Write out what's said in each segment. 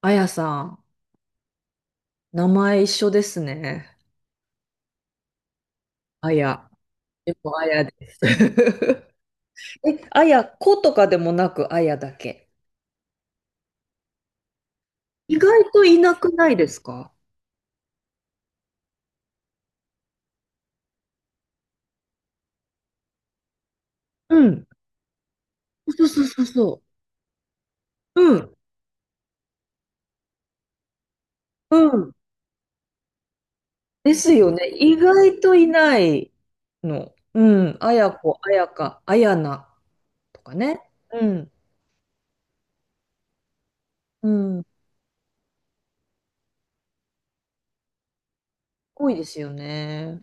あやさん、名前一緒ですね。あや。でもあやです。え、あや、子とかでもなくあやだけ。意外といなくないですか？うん。そうそうそうそう。うん。うん。ですよね。意外といないの。うん。あやこ、あやか、あやなとかね。うん。うん。多いですよね。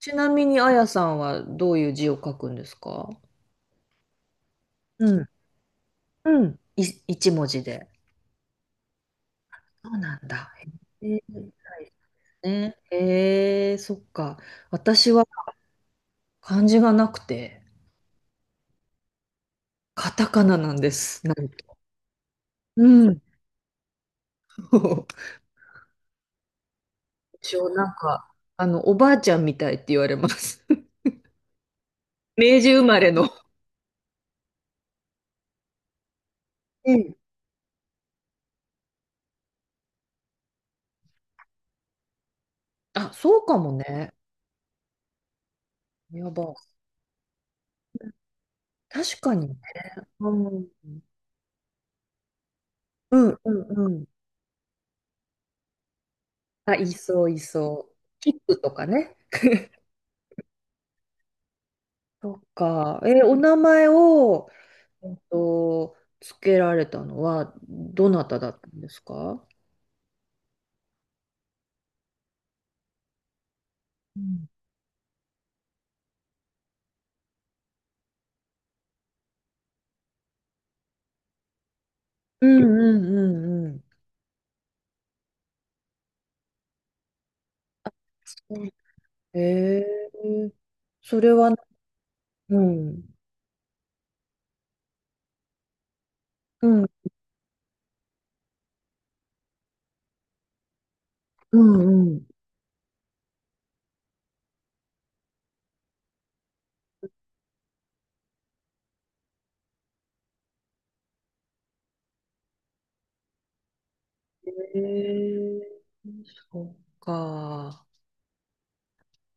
ちなみにあやさんはどういう字を書くんですか？うん。うん。一文字で。そうなんだ。へえ、みたいですね。へえ、そっか。私は漢字がなくて、カタカナなんです。なんと。うん。そう、一応なんか、おばあちゃんみたいって言われます。明治生まれの。うん。あ、そうかもね。やば。確かにね。うん。うんうんうん。あ、いそういそう。キップとかね。そっか。え、お名前を、つけられたのは、どなただったんですか？うんうんうんうんうん。えー、それは、うん、うん、うんうん。えー、そっか。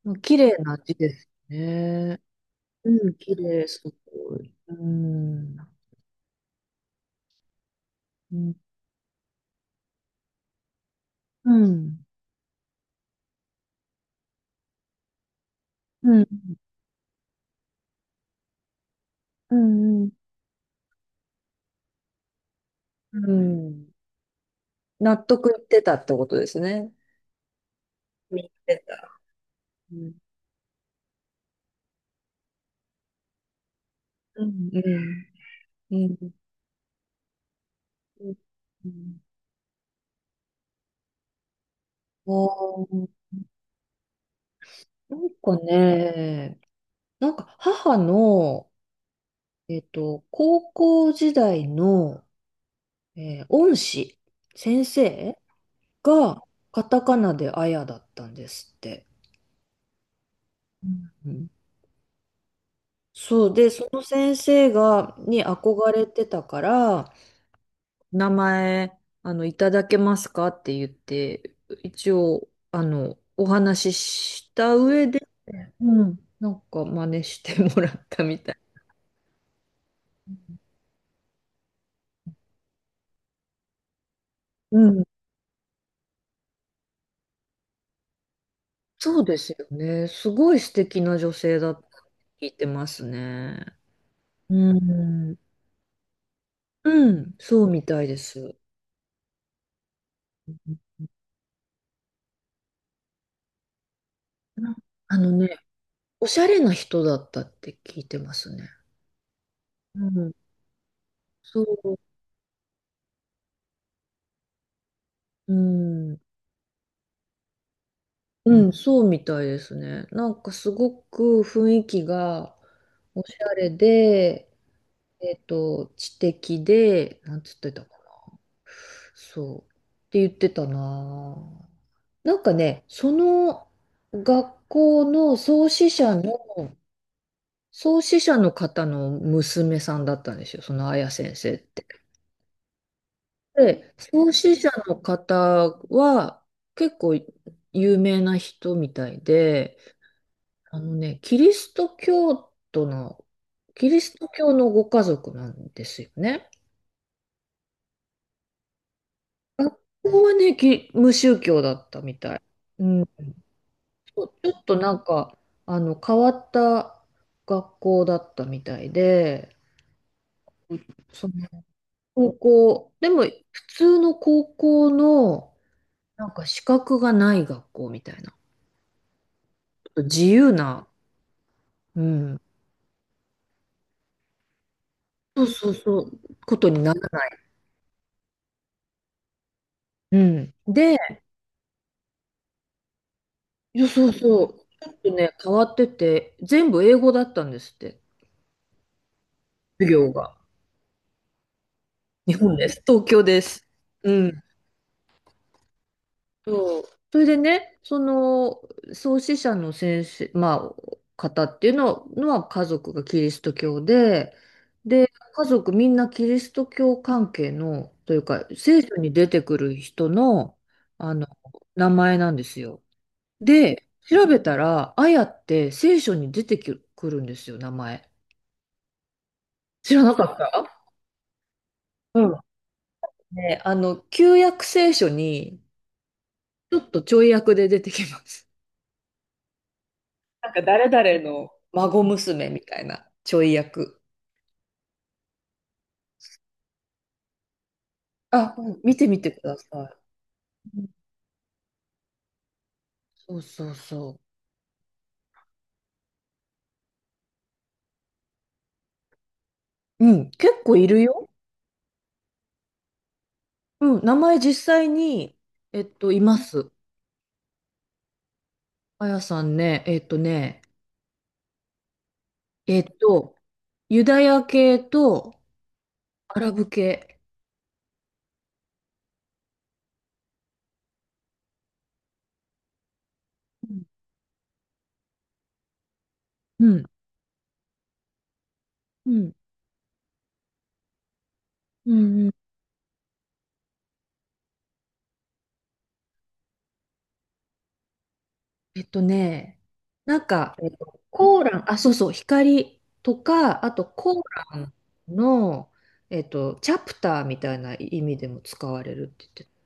うん、綺麗な字ですね。うん、綺麗、すごい、うん、うん、うんうんうんうんうんうん、納得いってたってことですね。見てた、うん、うんうんうん。うん、あー、なんかね、なんか母の、高校時代の、恩師、先生がカタカナであやだったんですって。うんうん。そうで、その先生が、に憧れてたから、名前、いただけますかって言って、一応、お話しした上、うん。なんか真似してもらったみたい。うん。そうですよね。すごい素敵な女性だったって聞いてますね。うん。うん、そうみたいです。なあのね、おしゃれな人だったって聞いてますね。うん。そう。うん。うん、そうみたいですね。なんかすごく雰囲気がおしゃれで、知的で、なんつってたか、そう。って言ってたなぁ。なんかね、その学校の創始者の方の娘さんだったんですよ、その綾先生って。で、創始者の方は結構有名な人みたいで、あのね、キリスト教徒の、キリスト教のご家族なんですよね。ここはね、無宗教だったみたい。うん、ちょっとなんか、あの、変わった学校だったみたいで、その高校、でも普通の高校の、なんか資格がない学校みたいな、ちょっと自由な、うん、そうそうそう、ことにならない。うん。で、いやそうそう、ちょっとね、変わってて、全部英語だったんですって、授業が。日本です。東京です。うん。そう。それでね、その創始者の先生、まあ、方っていうののは家族がキリスト教で、で、家族みんなキリスト教関係の、というか、聖書に出てくる人の、あの、名前なんですよ。で、調べたら、あやって聖書に出てきくるんですよ、名前。知らなかった。うん。ね、旧約聖書に、ちょっとちょい役で出てきます。なんか誰々の孫娘みたいなちょい役。あ、うん、見てみてください。うん、そうそうそう。うん、結構いるよ。うん、名前実際に、います。あやさんね、えっとね、えっと、ユダヤ系とアラブ系。うんうん。うんうんうん。えっとね、なんか、コーラン、あ、そうそう、光とか、あとコーランの、チャプターみたいな意味でも使われるって言ってた。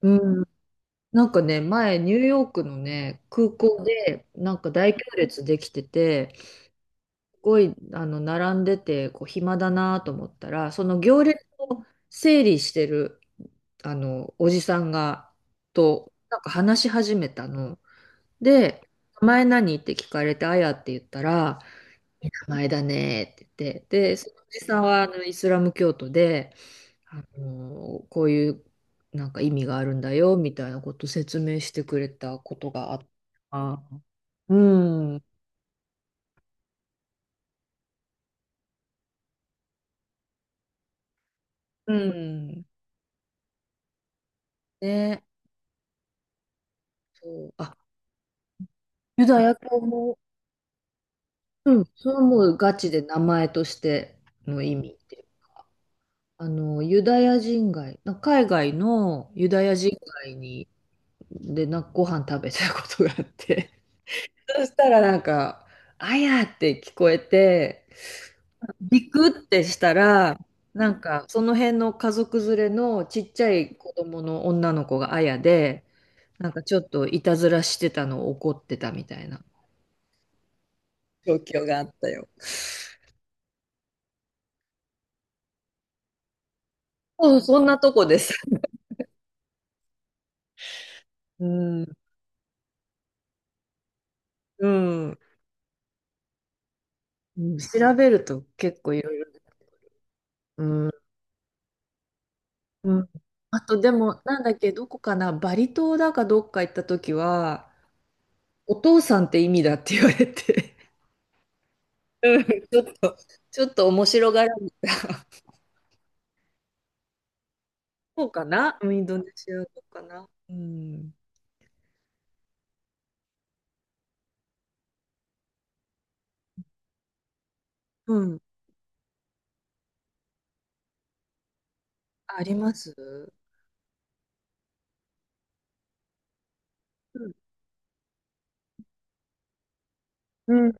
うん。なんかね、前、ニューヨークのね、空港で、なんか大行列できてて、すごい、並んでて、こう、暇だなと思ったら、その行列を整理してる、おじさんが、と、なんか話し始めたの。で、名前何って聞かれて、あやって言ったら、いい名前だねって言って、で、そのおじさんはあのイスラム教徒で、こういうなんか意味があるんだよみたいなこと説明してくれたことがあった。あ、うん、うん。ね、そう、あ、ユダヤ教も、うん、それはもうガチで名前としての意味っていう。ユダヤ人街、海外のユダヤ人街に、で、ご飯食べたことがあって、そしたらなんか、あやって聞こえて、ビクってしたら、なんか、その辺の家族連れのちっちゃい子供の女の子があやで、なんかちょっといたずらしてたのを怒ってたみたいな状況があったよ。そう、そんなとこです。うん、うん。うん、調べると結構いろいろ。うん、うん。あとでも、なんだっけ、どこかな、バリ島だかどっか行った時は、お父さんって意味だって言われて、うん、ちょっと面白がられた。そうかな、うん、インドネシア語かな、うん。うん。あります、うん。うん、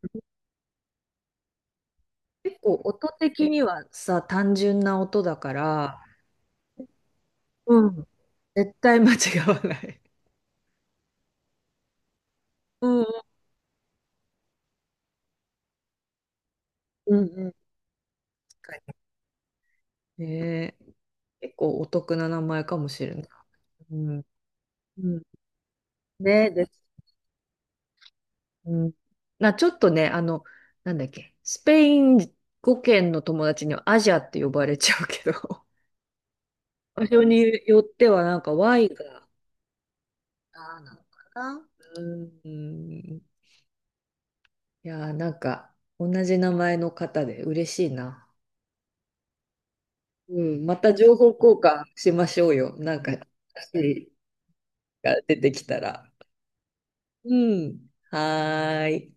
結構音的にはさ、単純な音だから、うん。絶対間違わない。うん、うんうんうん。確かにねえ。結構お得な名前かもしれない。うん。うん。ねえです、うん、ちょっとね、なんだっけ、スペイン語圏の友達にはアジアって呼ばれちゃうけど、場所によってはなんか Y が、あー、なのかな。うん。いやー、なんか同じ名前の方で嬉しいな。うん、また情報交換しましょうよ。なんか、新しいが出てきたら。うん。はーい。